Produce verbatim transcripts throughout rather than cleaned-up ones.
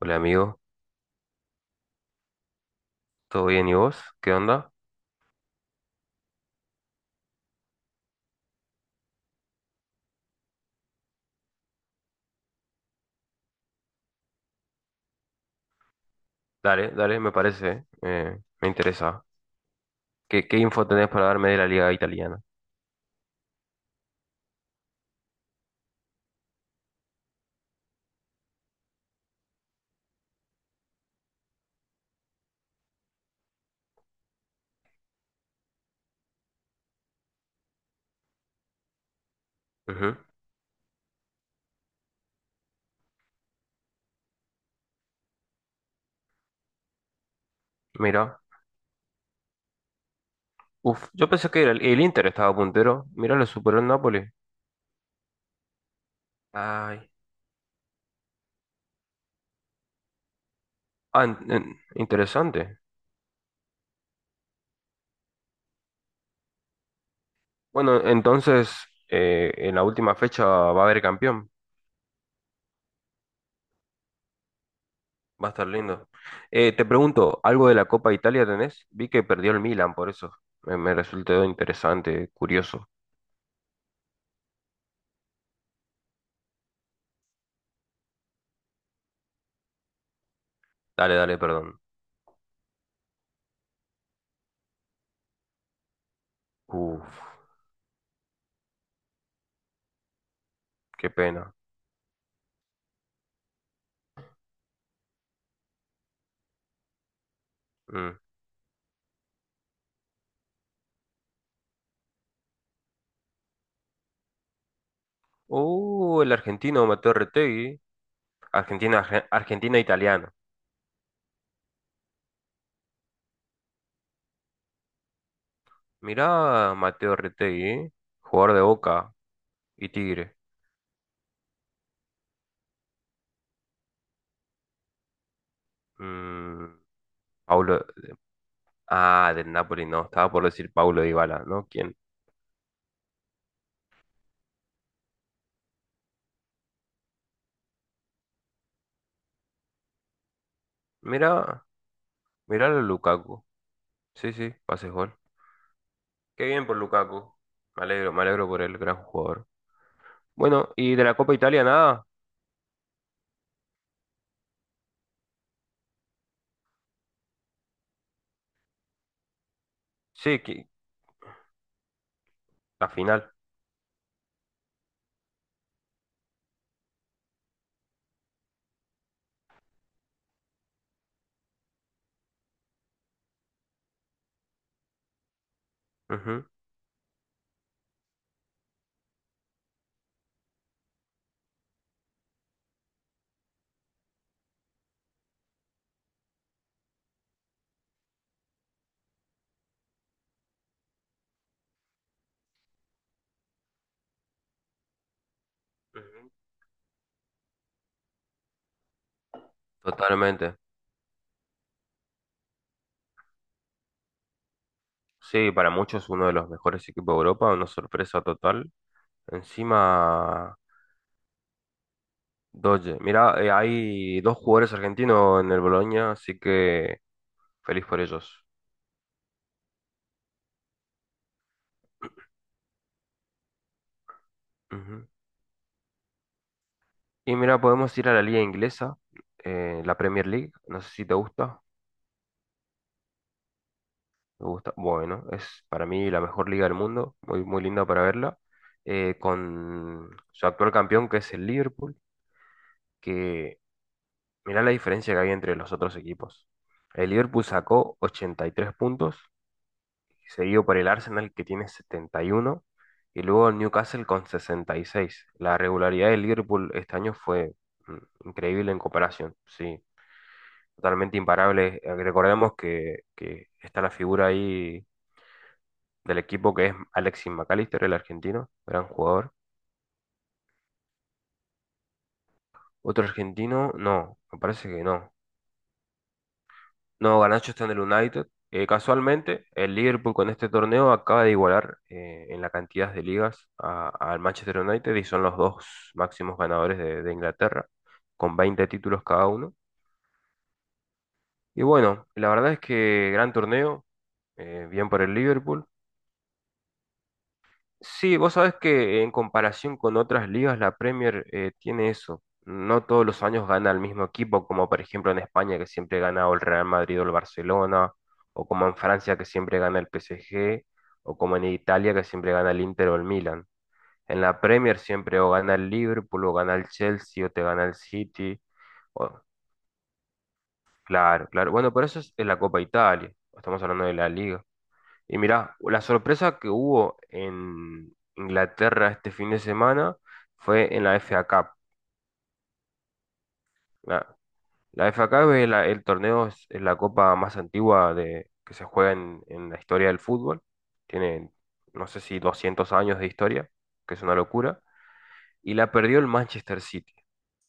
Hola amigo, ¿todo bien y vos? ¿Qué onda? Dale, dale, me parece, eh, me interesa. ¿Qué, qué info tenés para darme de la liga italiana? Ujú. Mira, uf, yo pensé que el, el Inter estaba puntero, mira, lo superó el Napoli. Ay. Ah, en- en- interesante. Bueno, entonces, eh, en la última fecha va a haber campeón. Va a estar lindo. Eh, te pregunto, ¿algo de la Copa Italia tenés? Vi que perdió el Milan, por eso. Me, me resultó interesante, curioso. Dale, dale, perdón. Uf, qué pena. Mm. Uh, el argentino Mateo Retegui. Argentina, arge- Argentina italiano. Mirá, Mateo Retegui, ¿eh? Jugador de Boca y Tigre. Mm, Paulo. Ah, del Napoli, no. Estaba por decir Paulo Dybala, ¿no? ¿Quién? Mirá, mirá a Lukaku. Sí, sí, pase gol. Qué bien por Lukaku. Me alegro, me alegro por el gran jugador. Bueno, y de la Copa Italia nada. Sí, que- la final. Ujú, ujú. Totalmente. Sí, para muchos uno de los mejores equipos de Europa, una sorpresa total. Encima, Doge. Mirá, eh, hay dos jugadores argentinos en el Boloña, así que feliz por ellos. Ujú. Y mira, podemos ir a la liga inglesa, eh, la Premier League. No sé si te gusta. Me gusta. Bueno, es para mí la mejor liga del mundo, muy, muy linda para verla, eh, con su actual campeón que es el Liverpool, que mirá la diferencia que hay entre los otros equipos. El Liverpool sacó ochenta y tres puntos, seguido por el Arsenal que tiene setenta y uno, y uno, y luego el Newcastle con sesenta y seis. La regularidad del Liverpool este año fue mm, increíble en comparación, sí, totalmente imparable. Eh, Recordemos que, que está la figura ahí del equipo que es Alexis McAllister, el argentino, gran jugador. Otro argentino, no, me parece que no. No, Garnacho está en el United. Eh, casualmente, el Liverpool con este torneo acaba de igualar eh, en la cantidad de ligas a- al Manchester United y son los dos máximos ganadores de, de Inglaterra, con veinte títulos cada uno. Y bueno, la verdad es que gran torneo, eh, bien por el Liverpool. Sí, vos sabés que en comparación con otras ligas, la Premier eh, tiene eso. No todos los años gana el mismo equipo, como por ejemplo en España, que siempre gana o el Real Madrid o el Barcelona, o como en Francia, que siempre gana el P S G, o como en Italia, que siempre gana el Inter o el Milan. En la Premier siempre o gana el Liverpool, o gana el Chelsea, o te gana el City. o- Claro, claro. Bueno, pero eso es en la Copa Italia. Estamos hablando de la Liga. Y mirá, la sorpresa que hubo en Inglaterra este fin de semana fue en la F A Cup. La, la F A Cup es, la- el torneo, es, es la copa más antigua de, que se juega en, en la historia del fútbol. Tiene, no sé si doscientos años de historia, que es una locura. Y la perdió el Manchester City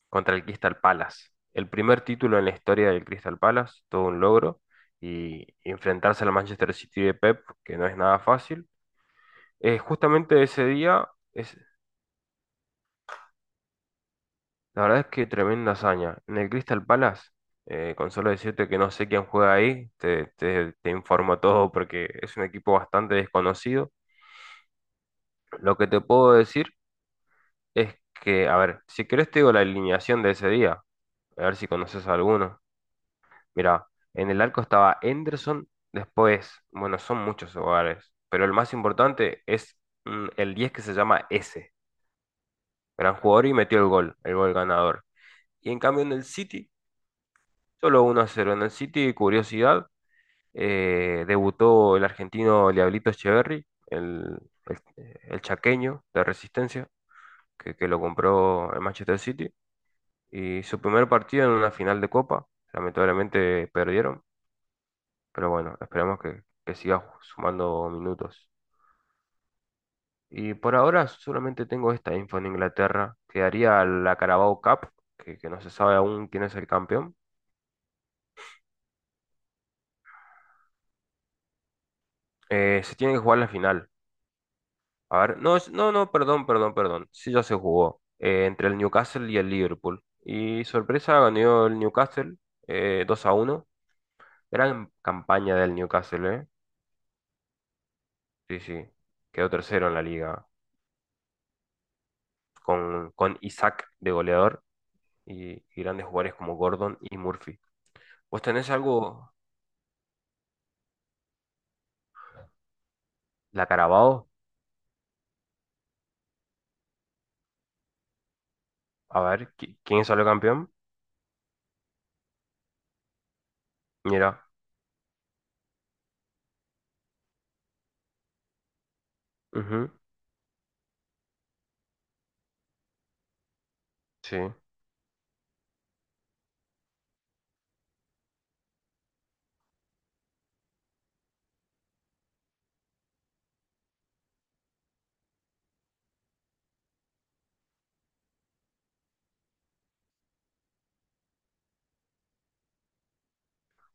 contra el Crystal Palace. El primer título en la historia del Crystal Palace, todo un logro. Y enfrentarse al Manchester City de Pep, que no es nada fácil. Eh, justamente ese día, es, la verdad es que tremenda hazaña. En el Crystal Palace, eh, con solo decirte que no sé quién juega ahí, te, te, te informo todo porque es un equipo bastante desconocido. Lo que te puedo decir es que, a ver, si querés te digo la alineación de ese día, a ver si conoces a alguno. Mira, en el arco estaba Henderson, después, bueno, son muchos hogares, pero el más importante es mm, el diez que se llama S, gran jugador y metió el gol, el gol ganador. Y en cambio en el City, Solo uno a cero en el City, curiosidad, eh, debutó el argentino Liablito Echeverri, el, el- el chaqueño de Resistencia, que, que lo compró el Manchester City, y su primer partido en una final de Copa, lamentablemente perdieron, pero bueno, esperamos que, que siga sumando minutos. Y por ahora solamente tengo esta info en Inglaterra, quedaría la Carabao Cup, que, que no se sabe aún quién es el campeón. Eh, se tiene que jugar la final. A ver, no, es- no, no, perdón, perdón, perdón. Sí, ya se jugó eh, entre el Newcastle y el Liverpool. Y sorpresa, ganó el Newcastle eh, dos a uno. Gran campaña del Newcastle, ¿eh? Sí, sí. Quedó tercero en la liga con, con Isaac de goleador y, y grandes jugadores como Gordon y Murphy. ¿Vos tenés algo? La Carabao. A ver, ¿qui- ¿quién salió campeón? Mira. Ujú. Sí,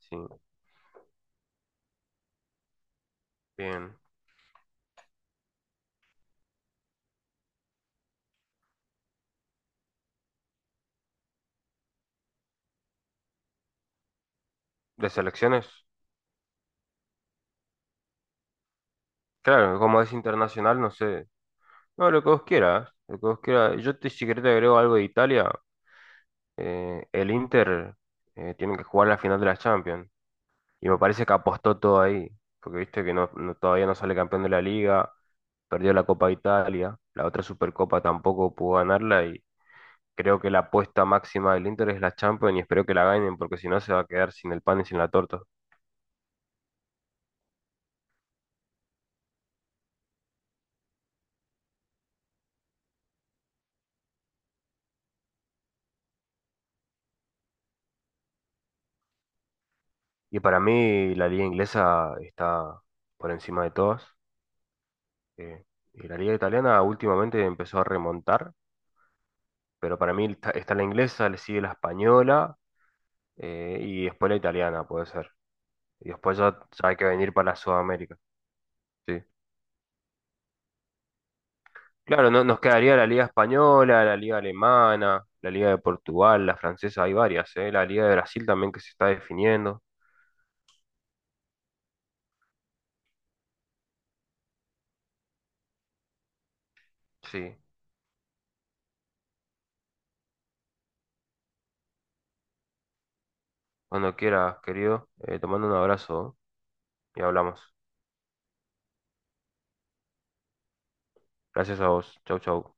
sí. Bien. ¿De selecciones? Claro, como es internacional, no sé. No, lo que vos quieras, lo que vos quieras. Yo te, si querés te agrego algo de Italia. eh, el Inter eh, tiene que jugar la final de la Champions. Y me parece que apostó todo ahí. Porque viste que no, no- todavía no sale campeón de la Liga, perdió la Copa de Italia, la otra Supercopa tampoco pudo ganarla y creo que la apuesta máxima del Inter es la Champions y espero que la ganen porque si no se va a quedar sin el pan y sin la torta. Y para mí la liga inglesa está por encima de todas. eh, y la liga italiana últimamente empezó a remontar pero para mí está, está, la inglesa, le sigue la española eh, y después la italiana, puede ser. Y después ya, ya hay que venir para Sudamérica. Sí. Claro, no, nos quedaría la Liga Española, la Liga Alemana, la Liga de Portugal, la francesa, hay varias, eh, La Liga de Brasil también que se está definiendo. Sí, cuando quieras, querido, eh, te mando un abrazo, ¿eh? Y hablamos. Gracias a vos. Chau, chau.